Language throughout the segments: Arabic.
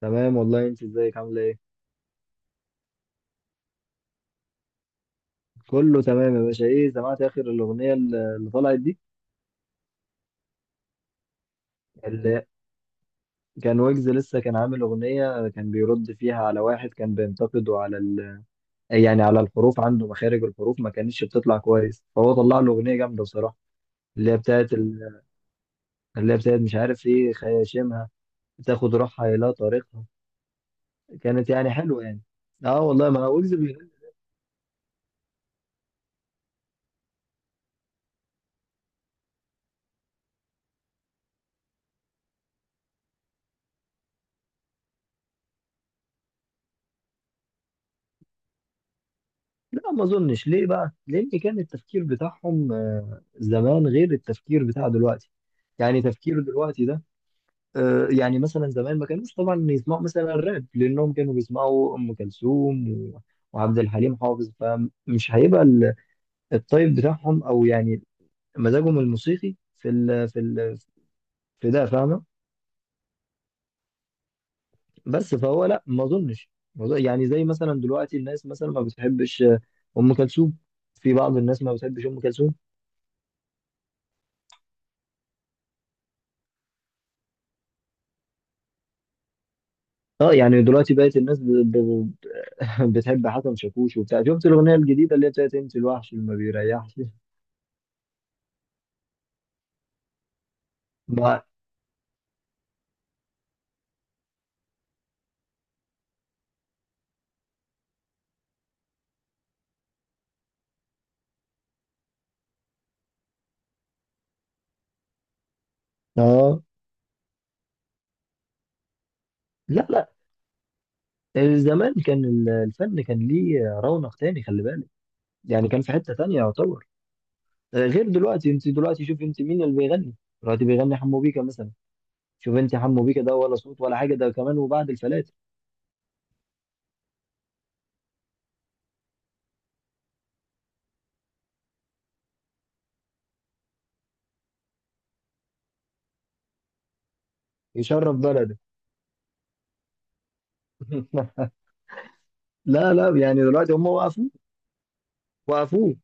تمام والله، انت ازيك، عامله ايه؟ كله تمام يا باشا. ايه، سمعت اخر الاغنيه اللي طلعت دي؟ اللي كان ويجز لسه كان عامل اغنيه، كان بيرد فيها على واحد كان بينتقده على يعني على الحروف، عنده مخارج الحروف ما كانتش بتطلع كويس، فهو طلع له اغنيه جامده بصراحه. اللي هي بتاعت ال... اللي هي بتاعت مش عارف ايه، خياشيمها تاخد روحها الى طريقها، كانت يعني حلوه يعني. اه والله، ما هو ويجز. لا ما اظنش، ليه بقى؟ لان كان التفكير بتاعهم زمان غير التفكير بتاع دلوقتي. يعني تفكير دلوقتي ده يعني مثلا زمان ما كانوش طبعا يسمعوا مثلا الراب، لانهم كانوا بيسمعوا ام كلثوم وعبد الحليم حافظ، فمش هيبقى الطيب بتاعهم او يعني مزاجهم الموسيقي في ال في ده، فاهمه. بس فهو لا ما اظنش، ما أظن- يعني زي مثلا دلوقتي الناس مثلا ما بتحبش ام كلثوم، في بعض الناس ما بتحبش ام كلثوم. اه يعني دلوقتي بقت الناس ب... ب- بتحب حسن شاكوش وبتاع. شفت الاغنيه الجديده اللي هي بتاعت انت الوحش اللي ما بيريحش؟ ما... اه لا لا، زمان كان الفن كان ليه رونق تاني، خلي بالك. يعني كان في حته تانيه يعتبر، غير دلوقتي. انت دلوقتي شوف انت مين اللي بيغني؟ دلوقتي بيغني حمو بيكا مثلا. شوف انت حمو بيكا ده، ولا صوت ولا حاجه ده، كمان وبعد الفلاتر. يشرف بلده لا لا يعني دلوقتي هم وقفوه، وقفوه.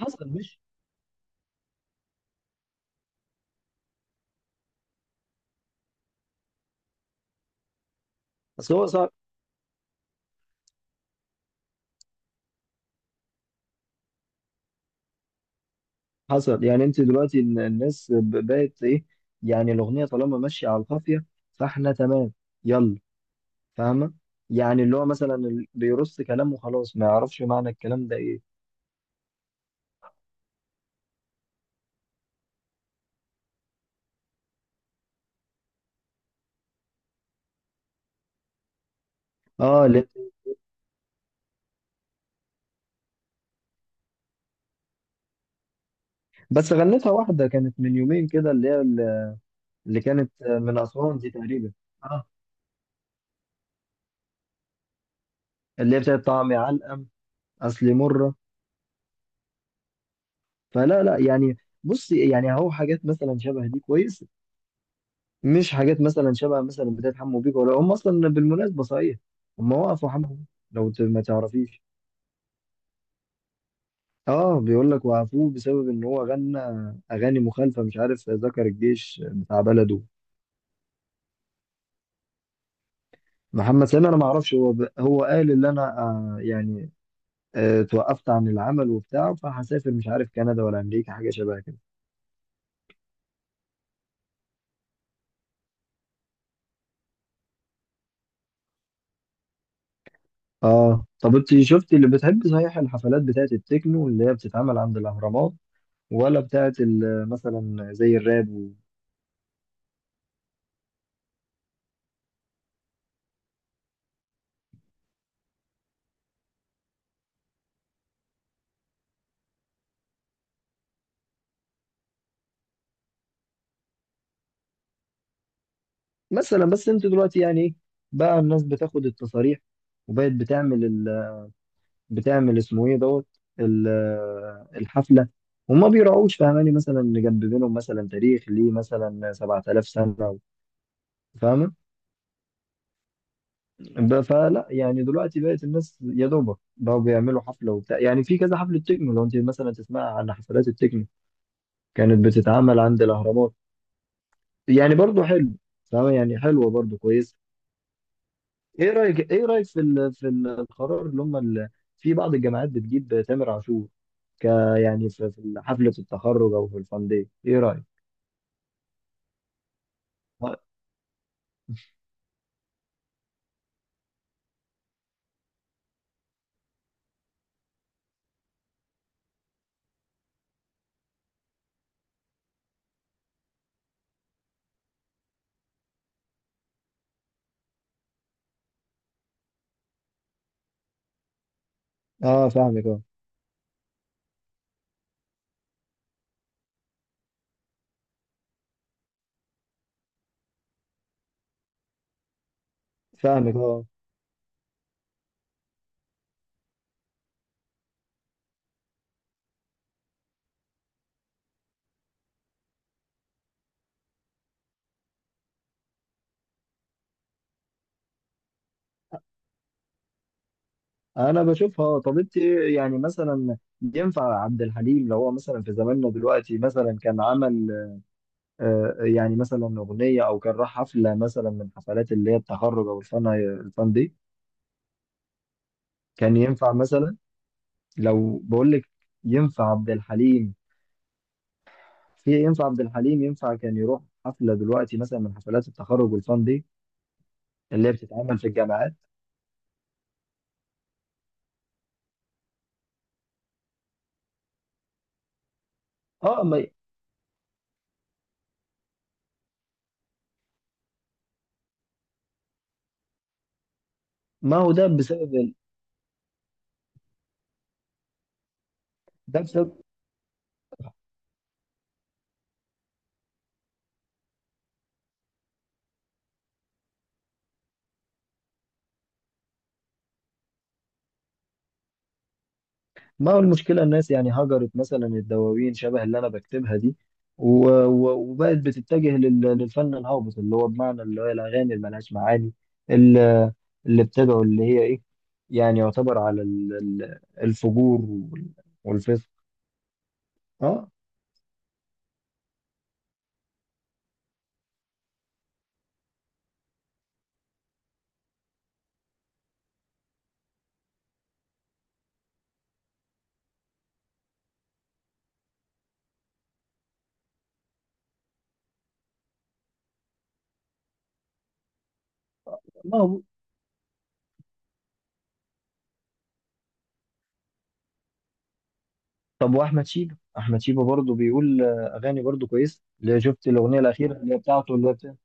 حصل مش، اصل هو صعب. حصل يعني، انت دلوقتي الناس بقت ايه، يعني الاغنيه طالما ماشيه على القافيه فاحنا تمام، يلا، فاهمه؟ يعني اللي هو مثلا بيرص كلام وخلاص، ما يعرفش معنى الكلام ده ايه. اه لا. بس غنتها واحده كانت من يومين كده اللي هي اللي كانت من اسوان دي تقريبا. اه، اللي هي بتاعت طعمي علقم، اصلي مره. فلا لا يعني، بصي يعني اهو حاجات مثلا شبه دي كويس، مش حاجات مثلا شبه مثلا بتاعت حمو بيكا. ولا هم اصلا بالمناسبه صحيح، هم وقفوا حمو بيكا، لو ما تعرفيش. اه بيقول لك وقفوه بسبب ان هو غنى اغاني مخالفه، مش عارف ذكر الجيش بتاع بلده. محمد سامي انا ما اعرفش، هو هو قال ان انا آه يعني آه توقفت عن العمل وبتاع، فهسافر مش عارف كندا ولا امريكا، حاجه شبه كده. اه طب انت شفتي اللي بتحب صحيح؟ الحفلات بتاعت التكنو اللي هي بتتعمل عند الاهرامات، ولا بتاعت مثلا زي الراب؟ مثلا بس انت دلوقتي يعني ايه، بقى الناس بتاخد التصاريح وبقت بتعمل بتعمل اسمه ايه دوت ال... الحفله. وما بيراعوش، فاهماني مثلا، ان جنب بينهم مثلا تاريخ ليه مثلا 7000 سنه، فاهمه؟ فلا يعني دلوقتي بقت الناس يا دوبك بقوا بيعملوا حفله وبتاع، يعني في كذا حفله تكنو لو انت مثلا تسمع عن حفلات التكنو كانت بتتعمل عند الاهرامات. يعني برضو حلو، فاهمه؟ يعني حلوه برضو، كويسه. ايه رايك، ايه رايك في في القرار اللي هم في بعض الجامعات بتجيب تامر عاشور، ك، يعني في في حفله التخرج او في الفان داي؟ ايه رايك؟ اه فاهمك اه، فاهمك اه. انا بشوفها آه. طب انت إيه، يعني مثلا ينفع عبد الحليم؟ لو هو مثلا في زماننا دلوقتي مثلا كان عمل آه يعني مثلا اغنيه، او كان راح حفله مثلا من حفلات اللي هي التخرج او الفن الفان دي، كان ينفع مثلا؟ لو بقول لك ينفع عبد الحليم في، ينفع عبد الحليم ينفع كان يروح حفلة دلوقتي مثلا من حفلات التخرج والفان دي اللي هي بتتعمل في الجامعات؟ اه ما. ما هو ده بسبب ده بسبب. ما هو المشكلة الناس يعني هجرت مثلا الدواوين شبه اللي انا بكتبها دي وبقت بتتجه للفن الهابط، اللي هو بمعنى اللي هي الاغاني اللي ملهاش معاني، اللي اللي بتدعو اللي هي ايه، يعني يعتبر على الفجور والفسق. اه ما هو. طب واحمد شيبه، احمد شيبه برضه بيقول اغاني برضه كويسه. اللي شفت الاغنيه الاخيره اللي هي بتاعته.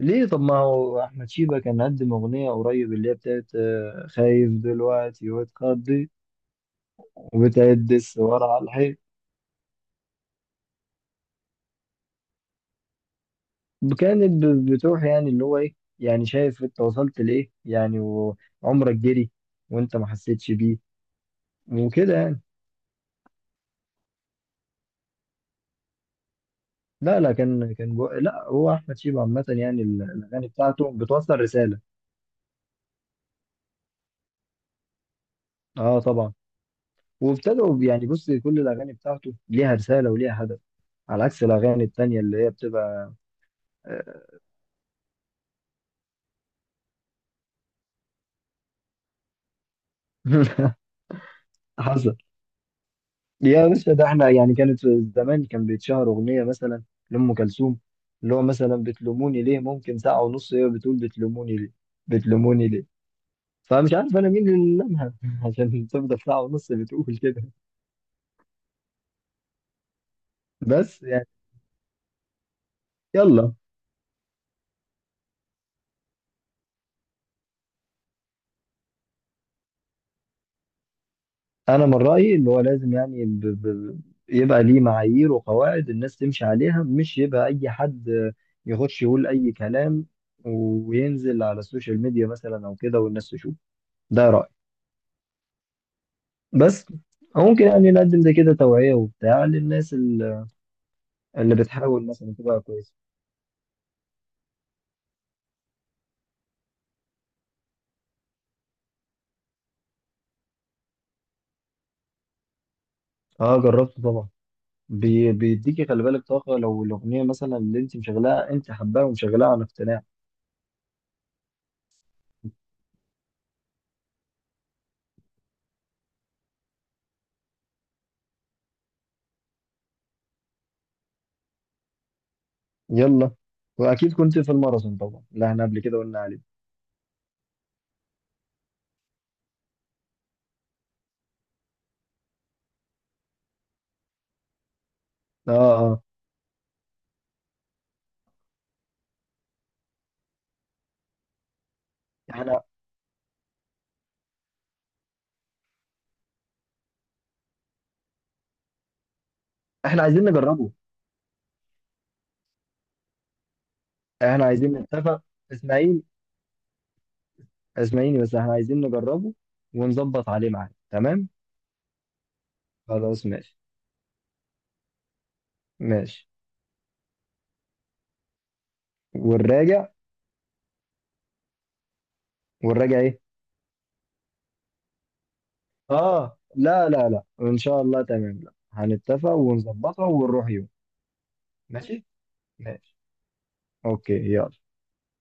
ليه؟ طب ما هو احمد شيبه كان قدم اغنيه قريب اللي هي بتاعت خايف دلوقتي واتخضي وبتعد السوار على الحيط. كانت بتروح يعني اللي هو ايه، يعني شايف انت وصلت لايه يعني، وعمرك جري وانت ما حسيتش بيه وكده يعني. لا لا كان كان لا هو احمد شيبه عامه يعني الاغاني بتاعته بتوصل رساله. اه طبعا. وابتدوا يعني بص، كل الاغاني بتاعته ليها رساله وليها هدف، على عكس الاغاني التانيه اللي هي بتبقى حصل. يا باشا ده احنا يعني كانت في زمان كان بيتشهر اغنيه مثلا لام كلثوم، اللي هو مثلا بتلوموني ليه، ممكن ساعة ونص هي بتقول بتلوموني ليه، بتلوموني ليه، فمش عارف انا مين اللي لمها عشان تفضل ساعه ونص بتقول كده. بس يعني. يلا. انا من رايي اللي هو لازم يعني يبقى ليه معايير وقواعد الناس تمشي عليها، مش يبقى اي حد يخش يقول اي كلام وينزل على السوشيال ميديا مثلا او كده والناس تشوف، ده رايي. بس ممكن يعني نقدم زي كده توعيه وبتاع للناس اللي بتحاول مثلا تبقى كويسه. اه جربته طبعا. بيديكي خلي بالك طاقه، لو الاغنيه مثلا اللي انت مشغلاها انت حباها ومشغلاها عن اقتناع. يلا، واكيد كنت في الماراثون طبعا اللي احنا قبل كده قلنا عليه. اه اه يعني. احنا عايزين نجربه، احنا عايزين نتفق. اسماعيل، اسمعيني بس، احنا عايزين نجربه ونظبط عليه معاك، تمام؟ خلاص ماشي، ماشي. والراجع. والراجع ايه؟ اه لا لا لا ان شاء الله تمام، لا هنتفق ونظبطها ونروح يوم. ماشي ماشي، اوكي يلا.